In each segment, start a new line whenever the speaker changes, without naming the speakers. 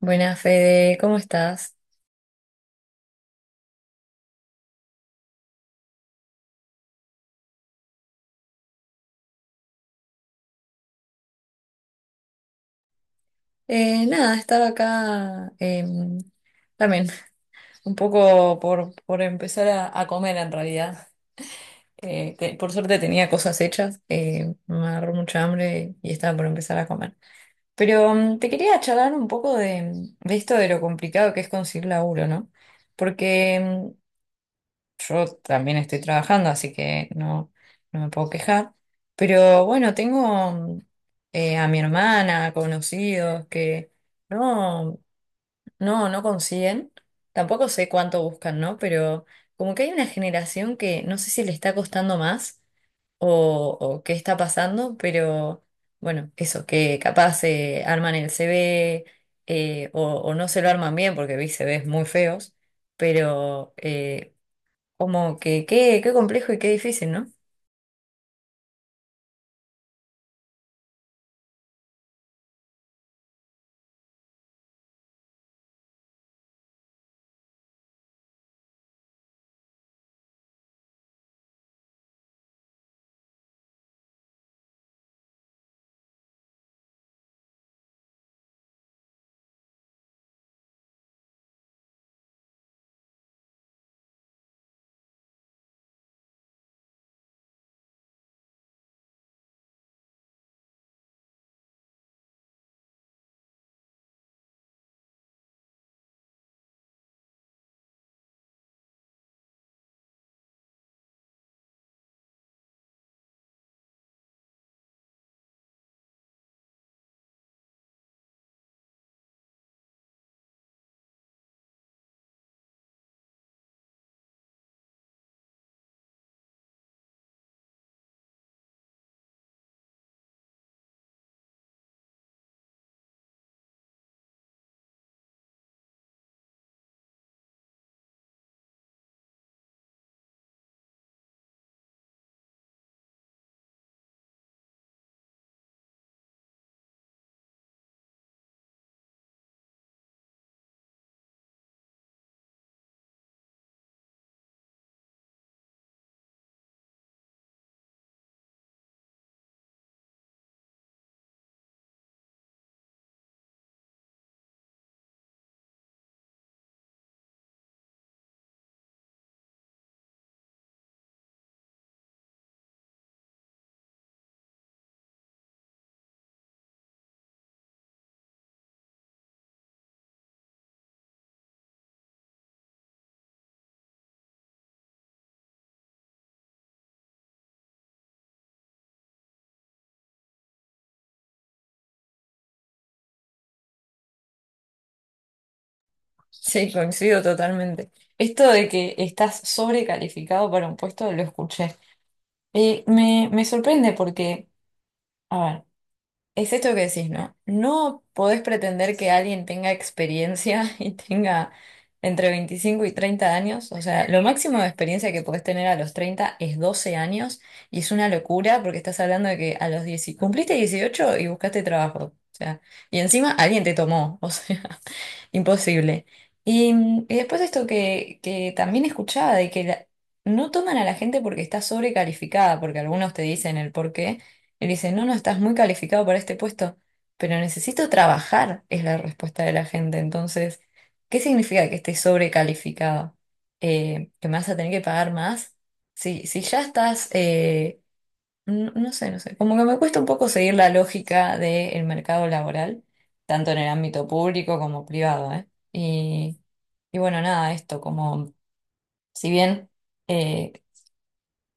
Buenas, Fede, ¿cómo estás? Nada, estaba acá también un poco por empezar a comer en realidad. Por suerte tenía cosas hechas, me agarró mucha hambre y estaba por empezar a comer. Pero te quería charlar un poco de esto de lo complicado que es conseguir laburo, ¿no? Porque yo también estoy trabajando, así que no me puedo quejar. Pero bueno, tengo a mi hermana, conocidos que no, no consiguen. Tampoco sé cuánto buscan, ¿no? Pero como que hay una generación que no sé si le está costando más o qué está pasando, pero bueno, eso, que capaz arman el CV, o no se lo arman bien porque vi CVs muy feos, pero... eh, como que qué complejo y qué difícil, ¿no? Sí, coincido totalmente. Esto de que estás sobrecalificado para un puesto lo escuché. Me sorprende porque, a ver, es esto que decís, ¿no? No podés pretender que alguien tenga experiencia y tenga entre 25 y 30 años. O sea, lo máximo de experiencia que podés tener a los 30 es 12 años y es una locura porque estás hablando de que a los 10, cumpliste 18 y buscaste trabajo. O sea, y encima alguien te tomó, o sea. Imposible. Y después esto que también escuchaba, de que no toman a la gente porque está sobrecalificada, porque algunos te dicen el por qué, y dicen, no, estás muy calificado para este puesto, pero necesito trabajar, es la respuesta de la gente. Entonces, ¿qué significa que estés sobrecalificado? ¿Que me vas a tener que pagar más? Si ya estás no sé, no sé. Como que me cuesta un poco seguir la lógica del mercado laboral, tanto en el ámbito público como privado, ¿eh? Y bueno, nada, esto, como si bien eh,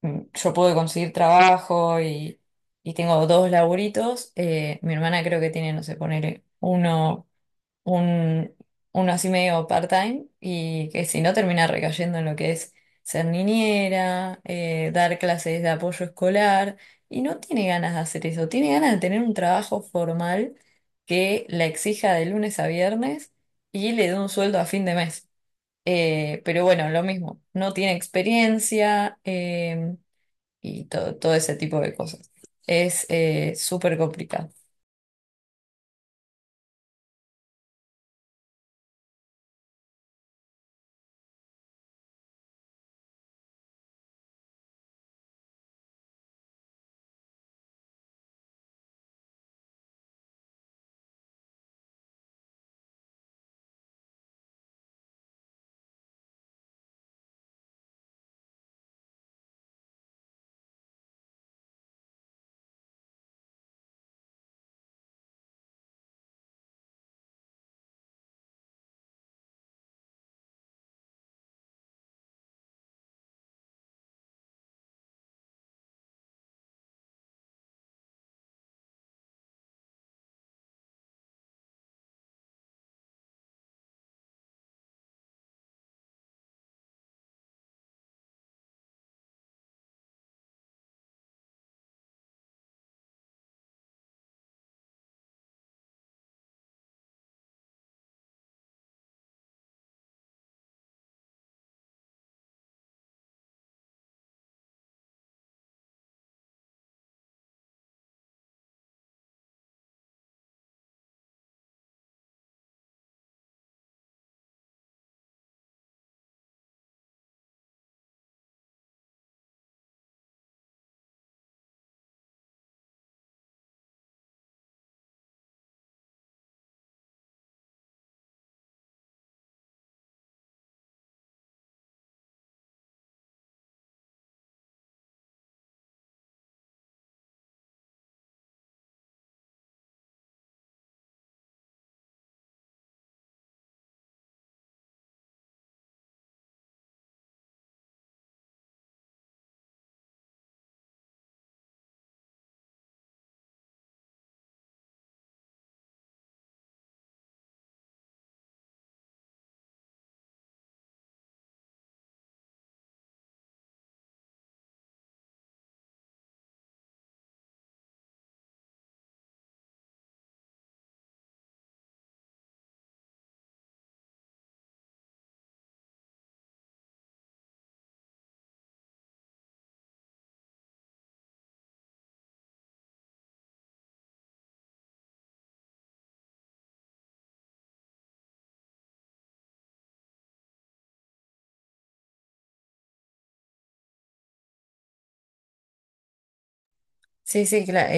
yo puedo conseguir trabajo y tengo dos laburitos, mi hermana creo que tiene, no sé, poner un, uno así medio part-time y que si no termina recayendo en lo que es ser niñera, dar clases de apoyo escolar y no tiene ganas de hacer eso, tiene ganas de tener un trabajo formal que la exija de lunes a viernes y le dé un sueldo a fin de mes. Pero bueno, lo mismo, no tiene experiencia y todo, todo ese tipo de cosas. Es súper complicado. Sí, sí, claro,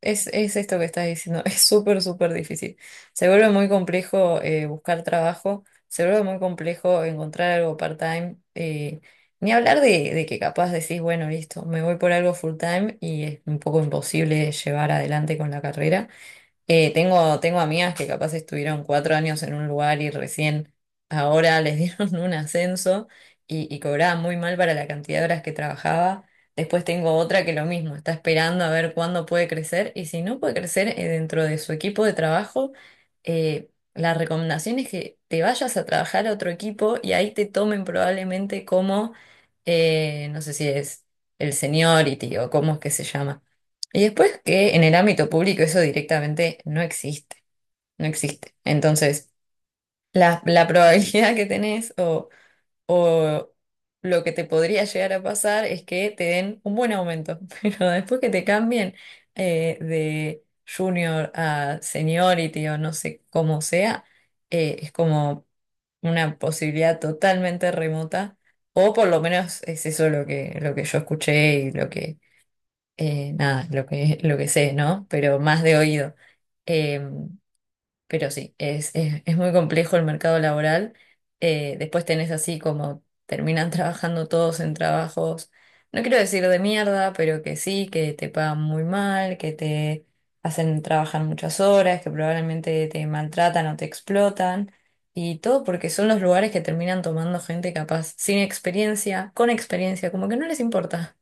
es esto que estás diciendo, es súper, súper difícil. Se vuelve muy complejo buscar trabajo, se vuelve muy complejo encontrar algo part-time, ni hablar de que capaz decís, bueno, listo, me voy por algo full-time y es un poco imposible llevar adelante con la carrera. Tengo amigas que capaz estuvieron cuatro años en un lugar y recién ahora les dieron un ascenso y cobraba muy mal para la cantidad de horas que trabajaba. Después tengo otra que lo mismo, está esperando a ver cuándo puede crecer y si no puede crecer dentro de su equipo de trabajo, eh, la recomendación es que te vayas a trabajar a otro equipo y ahí te tomen probablemente como, no sé si es el seniority o cómo es que se llama y después que en el ámbito público eso directamente no existe, no existe. Entonces, la probabilidad que tenés o lo que te podría llegar a pasar es que te den un buen aumento, pero después que te cambien de junior a seniority o no sé cómo sea, es como una posibilidad totalmente remota, o por lo menos es eso lo que yo escuché y lo que nada, lo que sé, ¿no? Pero más de oído. Eh, pero sí, es muy complejo el mercado laboral. Después tenés así como terminan trabajando todos en trabajos, no quiero decir de mierda, pero que sí, que te pagan muy mal, que te hacen trabajar muchas horas, que probablemente te maltratan o te explotan. Y todo porque son los lugares que terminan tomando gente capaz sin experiencia, con experiencia, como que no les importa.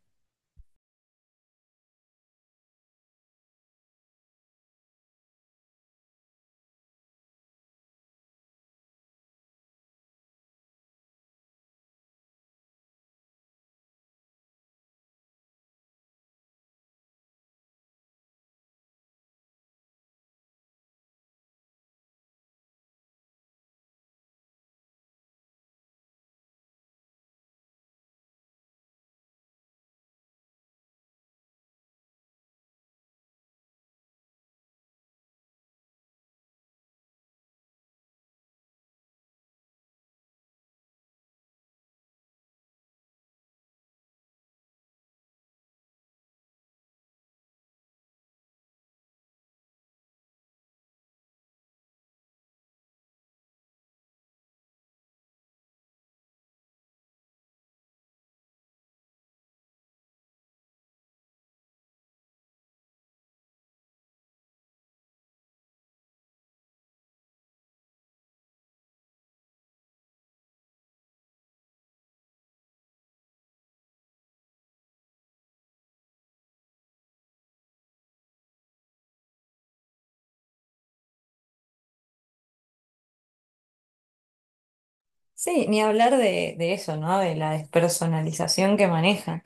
Sí, ni hablar de eso, ¿no? De la despersonalización que manejan.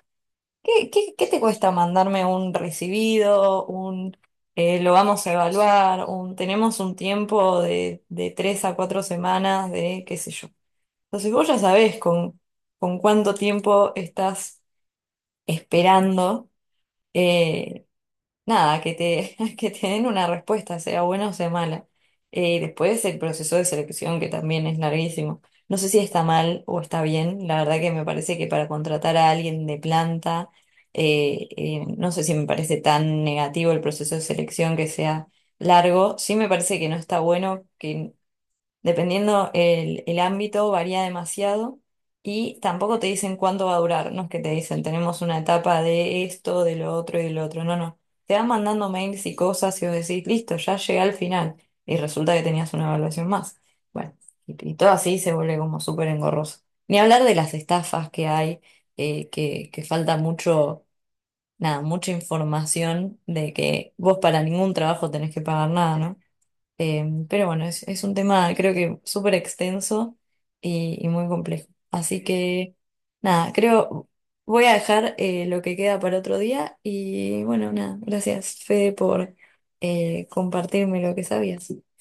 Qué te cuesta mandarme un recibido, un lo vamos a evaluar, un tenemos un tiempo de tres a cuatro semanas de qué sé yo? Entonces vos ya sabés con cuánto tiempo estás esperando. eh, Nada, que te den una respuesta, sea buena o sea mala. Después el proceso de selección, que también es larguísimo. No sé si está mal o está bien. La verdad que me parece que para contratar a alguien de planta, no sé si me parece tan negativo el proceso de selección que sea largo. Sí me parece que no está bueno, que dependiendo el ámbito, varía demasiado y tampoco te dicen cuánto va a durar. No es que te dicen tenemos una etapa de esto, de lo otro y de lo otro. No, no. Te van mandando mails y cosas y vos decís, listo, ya llegué al final. Y resulta que tenías una evaluación más. Bueno, y todo así se vuelve como súper engorroso. Ni hablar de las estafas que hay, que falta mucho, nada, mucha información de que vos para ningún trabajo tenés que pagar nada, ¿no? Pero bueno, es un tema creo que súper extenso y muy complejo. Así que nada, creo voy a dejar lo que queda para otro día y bueno, nada, gracias Fede por compartirme lo que sabías.